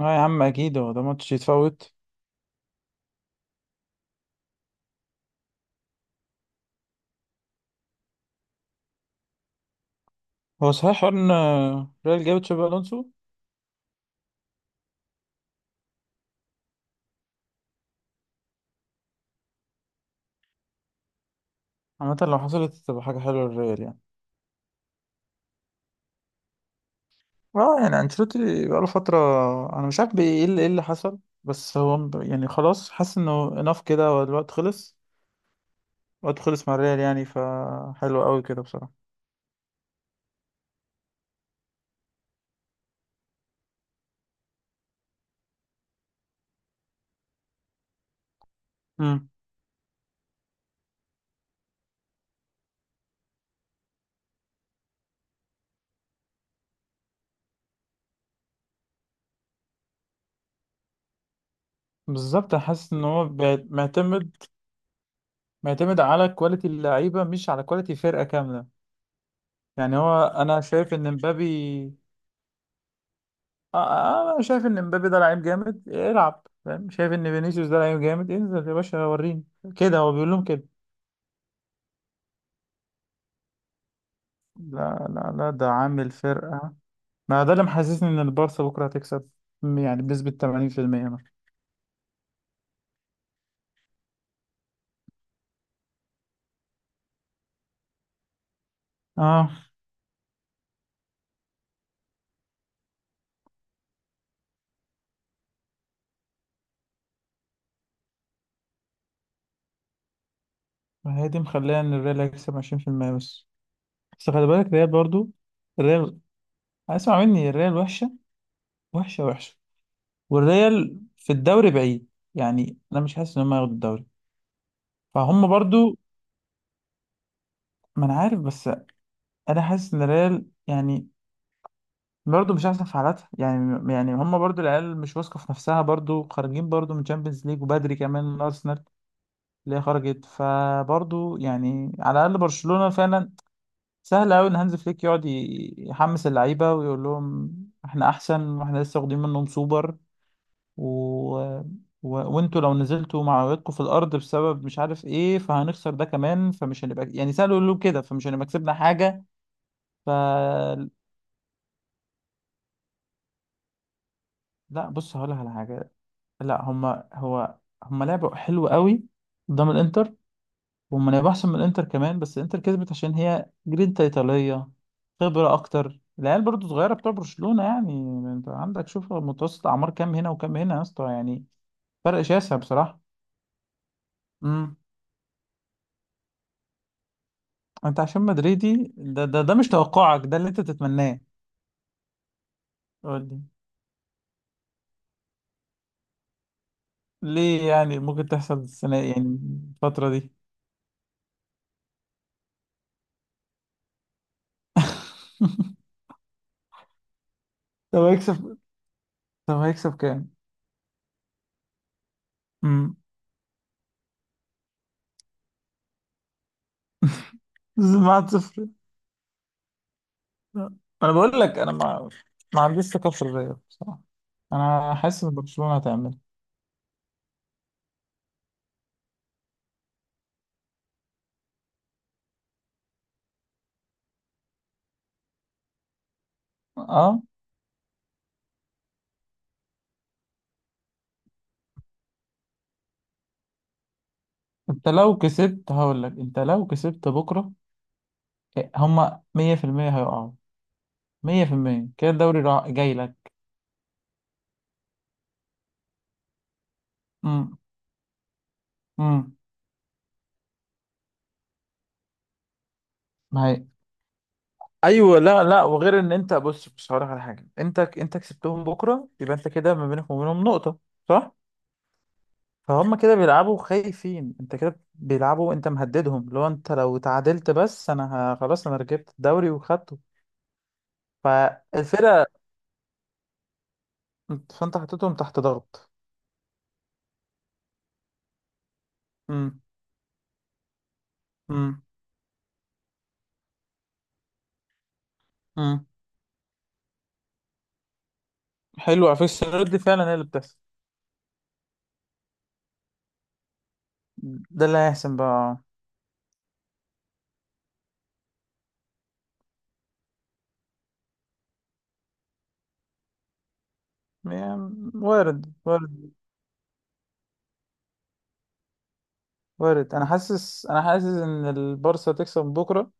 اه، يا عم، اكيد هو ده ماتش يتفوت؟ هو صحيح حوار ان ريال جابت شابي الونسو؟ عامة لو حصلت تبقى حاجة حلوة للريال يعني. اه، يعني انشيلوتي بقاله فترة. انا مش عارف ايه اللي حصل. بس هو يعني خلاص، حاسس انه اناف كده، هو الوقت خلص. الوقت خلص مع الريال يعني، فحلو قوي كده بصراحة. امم. بالظبط، انا حاسس ان هو معتمد على كواليتي اللعيبة، مش على كواليتي فرقة كاملة. يعني هو انا شايف ان مبابي. آه، آه، انا شايف ان امبابي ده لعيب جامد، العب فاهم. شايف ان فينيسيوس ده لعيب جامد، انزل يا باشا، وريني كده. هو بيقول لهم كده. لا لا لا، ده عامل فرقة. ما ده اللي محسسني ان البارسا بكرة هتكسب، يعني بنسبة 80% مثلا. اه، ما هي دي مخليها ان الريال هيكسب 20% بس. بس خلي بالك الريال برضو. الريال، اسمع مني، الريال وحشة. وحشة وحشة. والريال في الدوري بعيد، يعني انا مش حاسس ان هم هياخدوا الدوري. فهم برضو. ما انا عارف، بس انا حاسس ان الريال يعني برضه مش احسن في حالاتها، يعني هم برضه، العيال مش واثقه في نفسها، برضه خارجين برضه من تشامبيونز ليج وبدري كمان من ارسنال اللي هي خرجت، فبرضه يعني على الاقل برشلونه فعلا سهل قوي ان هانز فليك يقعد يحمس اللعيبه ويقول لهم احنا احسن واحنا لسه واخدين منهم سوبر، و... و... وانتوا لو نزلتوا معنوياتكم في الارض بسبب مش عارف ايه فهنخسر ده كمان، فمش هنبقى يعني سهل يقول له كده، فمش هنبقى كسبنا حاجه ف لا، بص هقول لك على حاجه. لا، هما لعبوا حلو قوي قدام الانتر. وهما لعبوا احسن من الانتر كمان، بس الانتر كسبت عشان هي جرينتا ايطاليه، خبره اكتر. العيال برضو صغيره بتوع برشلونه يعني. انت عندك، شوف متوسط اعمار كام هنا وكام هنا يا اسطى يعني. فرق شاسع بصراحه. امم. انت، عشان مدريدي ده، مش توقعك ده اللي انت تتمناه؟ قول لي. ليه يعني، ممكن تحصل السنه يعني. الفتره دي. طب هيكسب طب هيكسب كام. امم. 7 صفر. انا بقول لك، انا ما عنديش ثقه في الريال بصراحه. انا حاسس ان برشلونه هتعمل. اه، انت لو كسبت هقول لك، انت لو كسبت بكره هما 100% هيقعوا. 100% كده الدوري جاي لك. امم. امم. ما هي. ايوه، لا لا، وغير ان انت، بص بص هقول لك على حاجه، انت كسبتهم بكره يبقى انت كده ما بينك وما بينهم نقطه. صح. فهم كده بيلعبوا خايفين، انت كده بيلعبوا. انت مهددهم. لو انت تعادلت، بس انا خلاص، انا ركبت الدوري وخدته. فالفرقة. فانت حطيتهم تحت ضغط. امم. امم. امم. حلو على فكرة، السيناريو دي فعلا هي اللي بتحصل. ده اللي هيحسن بقى. يعني وارد، وارد وارد. انا حاسس ان البارسا هتكسب بكرة.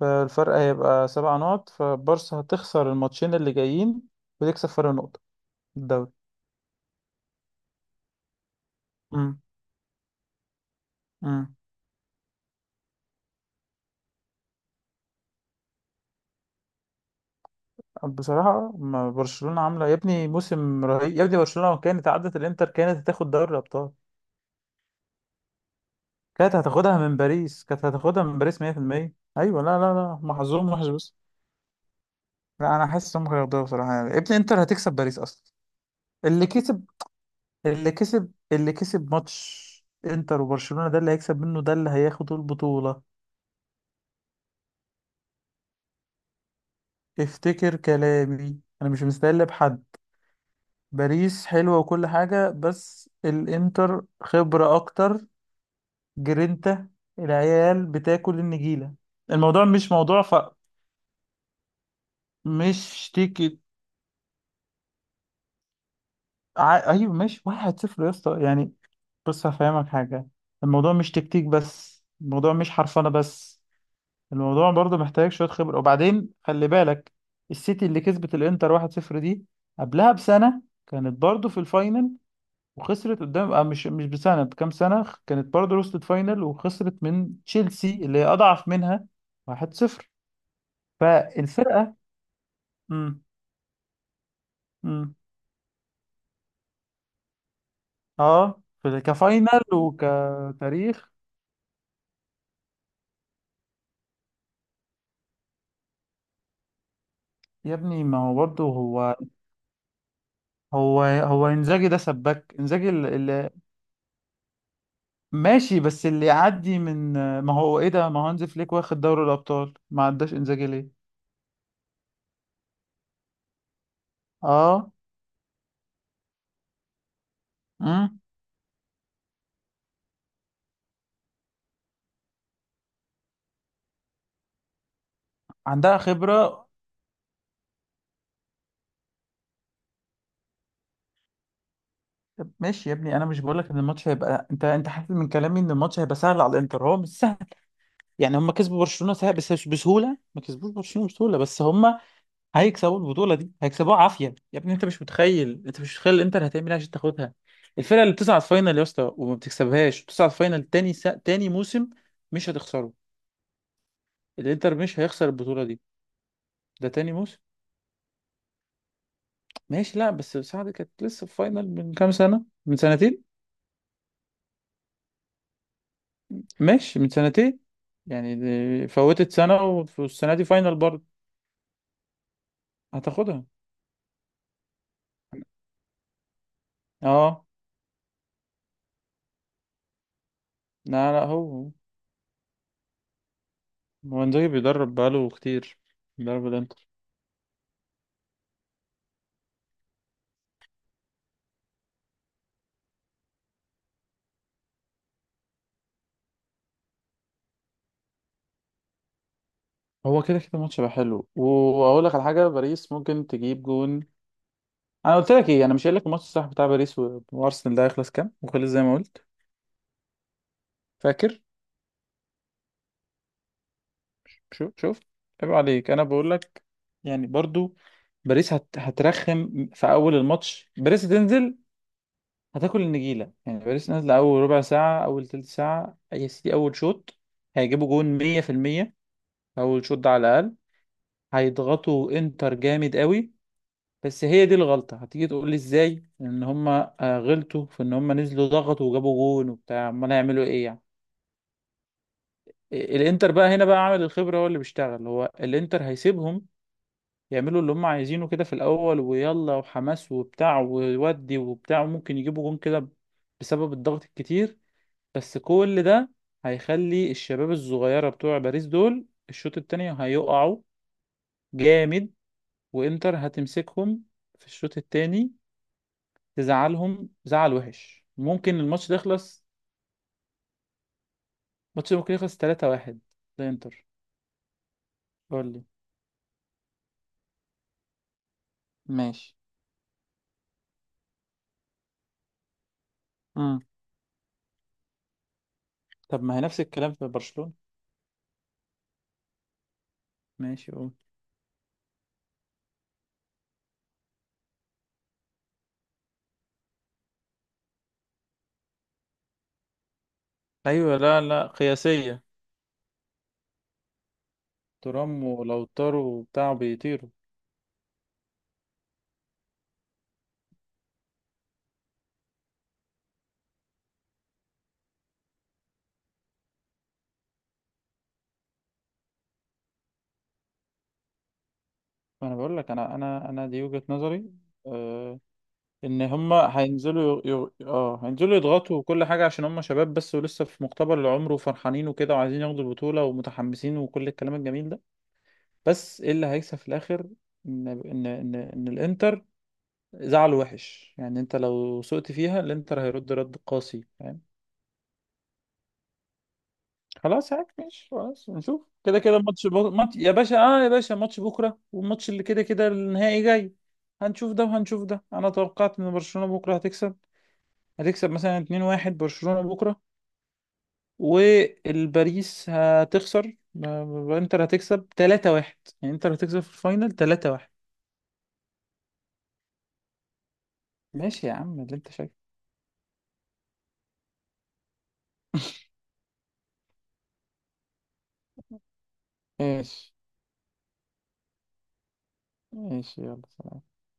فالفرق هيبقى 7 نقط، فالبارسا هتخسر الماتشين اللي جايين وتكسب فرق نقطة في الدوري. امم. امم. بصراحة ما برشلونة عاملة يا ابني موسم رهيب يا ابني. برشلونة لو كانت عدت الانتر كانت هتاخد دوري الابطال. كانت هتاخدها من باريس، كانت هتاخدها من باريس 100%. ايوه، لا لا لا، محظوظ وحش بس. لا، انا حاسس هم هياخدوها بصراحه، يعني ابن انتر هتكسب باريس اصلا. اللي كسب اللي كسب ماتش انتر وبرشلونه، ده اللي هيكسب منه، ده اللي هياخد البطوله. افتكر كلامي، انا مش مستقل بحد. باريس حلوه وكل حاجه، بس الانتر خبره اكتر. جرينتا. العيال بتاكل النجيله. الموضوع مش موضوع مش تيكي. ايوه، ماشي 1-0 يا اسطى يعني. بص هفهمك حاجه. الموضوع مش تكتيك بس، الموضوع مش حرفنه بس. الموضوع برضه محتاج شويه خبره. وبعدين خلي بالك، السيتي اللي كسبت الانتر 1-0 دي، قبلها بسنه كانت برضه في الفاينل وخسرت قدام، مش بسنه، بكام سنه، كانت برضه وصلت فاينل وخسرت من تشيلسي اللي هي اضعف منها 1-0. فالفرقه. امم. امم. اه، كفاينل وكتاريخ. يا ابني، ما هو برضه هو انزاجي ده سباك. انزاجي ماشي، بس اللي يعدي من. ما هو ايه ده، ما هو هانز فليك واخد دوري الابطال، ما عداش انزاجي ليه؟ اه. امم. عندها خبره. طب ماشي يا ابني، انا مش بقول لك ان الماتش هيبقى. انت حاسس من كلامي ان الماتش هيبقى سهل على الانتر، هو مش سهل. يعني هم كسبوا برشلونه سهل، بس مش بسهوله. ما كسبوش برشلونه بسهوله، بس هم هيكسبوا البطولة دي، هيكسبوها عافية يا ابني. انت مش متخيل، انت مش متخيل الانتر هتعمل ايه عشان تاخدها. الفرقة اللي بتصعد فاينل يا اسطى وما بتكسبهاش، بتصعد فاينل تاني تاني موسم. مش هتخسره. الانتر مش هيخسر البطولة دي. ده تاني موسم. ماشي، لا، بس سعد كانت لسه في فاينل من كام سنة، من سنتين. ماشي من سنتين. يعني فوتت سنة، والسنة دي فاينل برضه. هتاخدها. اه. لا لا، هو انزاجي بيدرب بقاله كتير. بيدرب الانتر. هو كده كده الماتش هيبقى حلو. واقول لك على حاجه، باريس ممكن تجيب جون. انا قلت لك ايه؟ انا مش قايل لك الماتش الصح بتاع باريس وارسنال ده هيخلص كام وخلص زي ما قلت؟ فاكر؟ شوف شوف. عيب عليك، انا بقول لك يعني برضو. باريس هترخم في اول الماتش. باريس هتنزل، هتاكل النجيله. يعني باريس نازله اول ربع ساعه، اول تلت ساعه يا سيدي، اول شوط. هيجيبوا جون 100%. اول شوط ده على الاقل، هيضغطوا انتر جامد قوي. بس هي دي الغلطة. هتيجي تقول لي ازاي ان هما غلطوا في ان هما نزلوا ضغطوا وجابوا جون وبتاع. امال هيعملوا ايه يعني؟ الانتر بقى هنا بقى عامل الخبرة هو اللي بيشتغل. هو الانتر هيسيبهم يعملوا اللي هما عايزينه كده في الاول، ويلا وحماس وبتاع وودي وبتاع. وممكن يجيبوا جون كده بسبب الضغط الكتير. بس كل ده هيخلي الشباب الصغيرة بتوع باريس دول الشوط التاني هيقعوا جامد. وانتر هتمسكهم في الشوط التاني، تزعلهم زعل وحش. ممكن الماتش ده يخلص. الماتش ده ممكن يخلص 3-1 لانتر. قول لي. ماشي. امم. طب ما هي نفس الكلام في برشلونة. ماشي، قول. ايوه، لا لا، قياسية. ترام ولوتارو وبتاع بيطيروا. انا بقول لك، انا دي وجهة نظري. آه ان هما هينزلوا ي... ي... اه هينزلوا يضغطوا وكل حاجة، عشان هما شباب بس، ولسه في مقتبل العمر وفرحانين وكده، وعايزين ياخدوا البطولة ومتحمسين وكل الكلام الجميل ده. بس ايه اللي هيكسب في الاخر؟ إن الانتر زعله وحش. يعني انت لو سقت فيها الانتر هيرد رد قاسي، فاهم. خلاص عادي ماشي، خلاص نشوف. كده كده ماتش ماتش يا باشا، اه يا باشا، ماتش بكره، والماتش اللي كده كده النهائي جاي. هنشوف ده وهنشوف ده. انا توقعت ان برشلونة بكره هتكسب. هتكسب مثلا 2-1 برشلونة بكره. والباريس هتخسر انتر هتكسب 3-1. يعني انتر هتكسب في الفاينل 3-1. ماشي يا عم، اللي انت شايفه. ايش. ماشي، يلا سلام.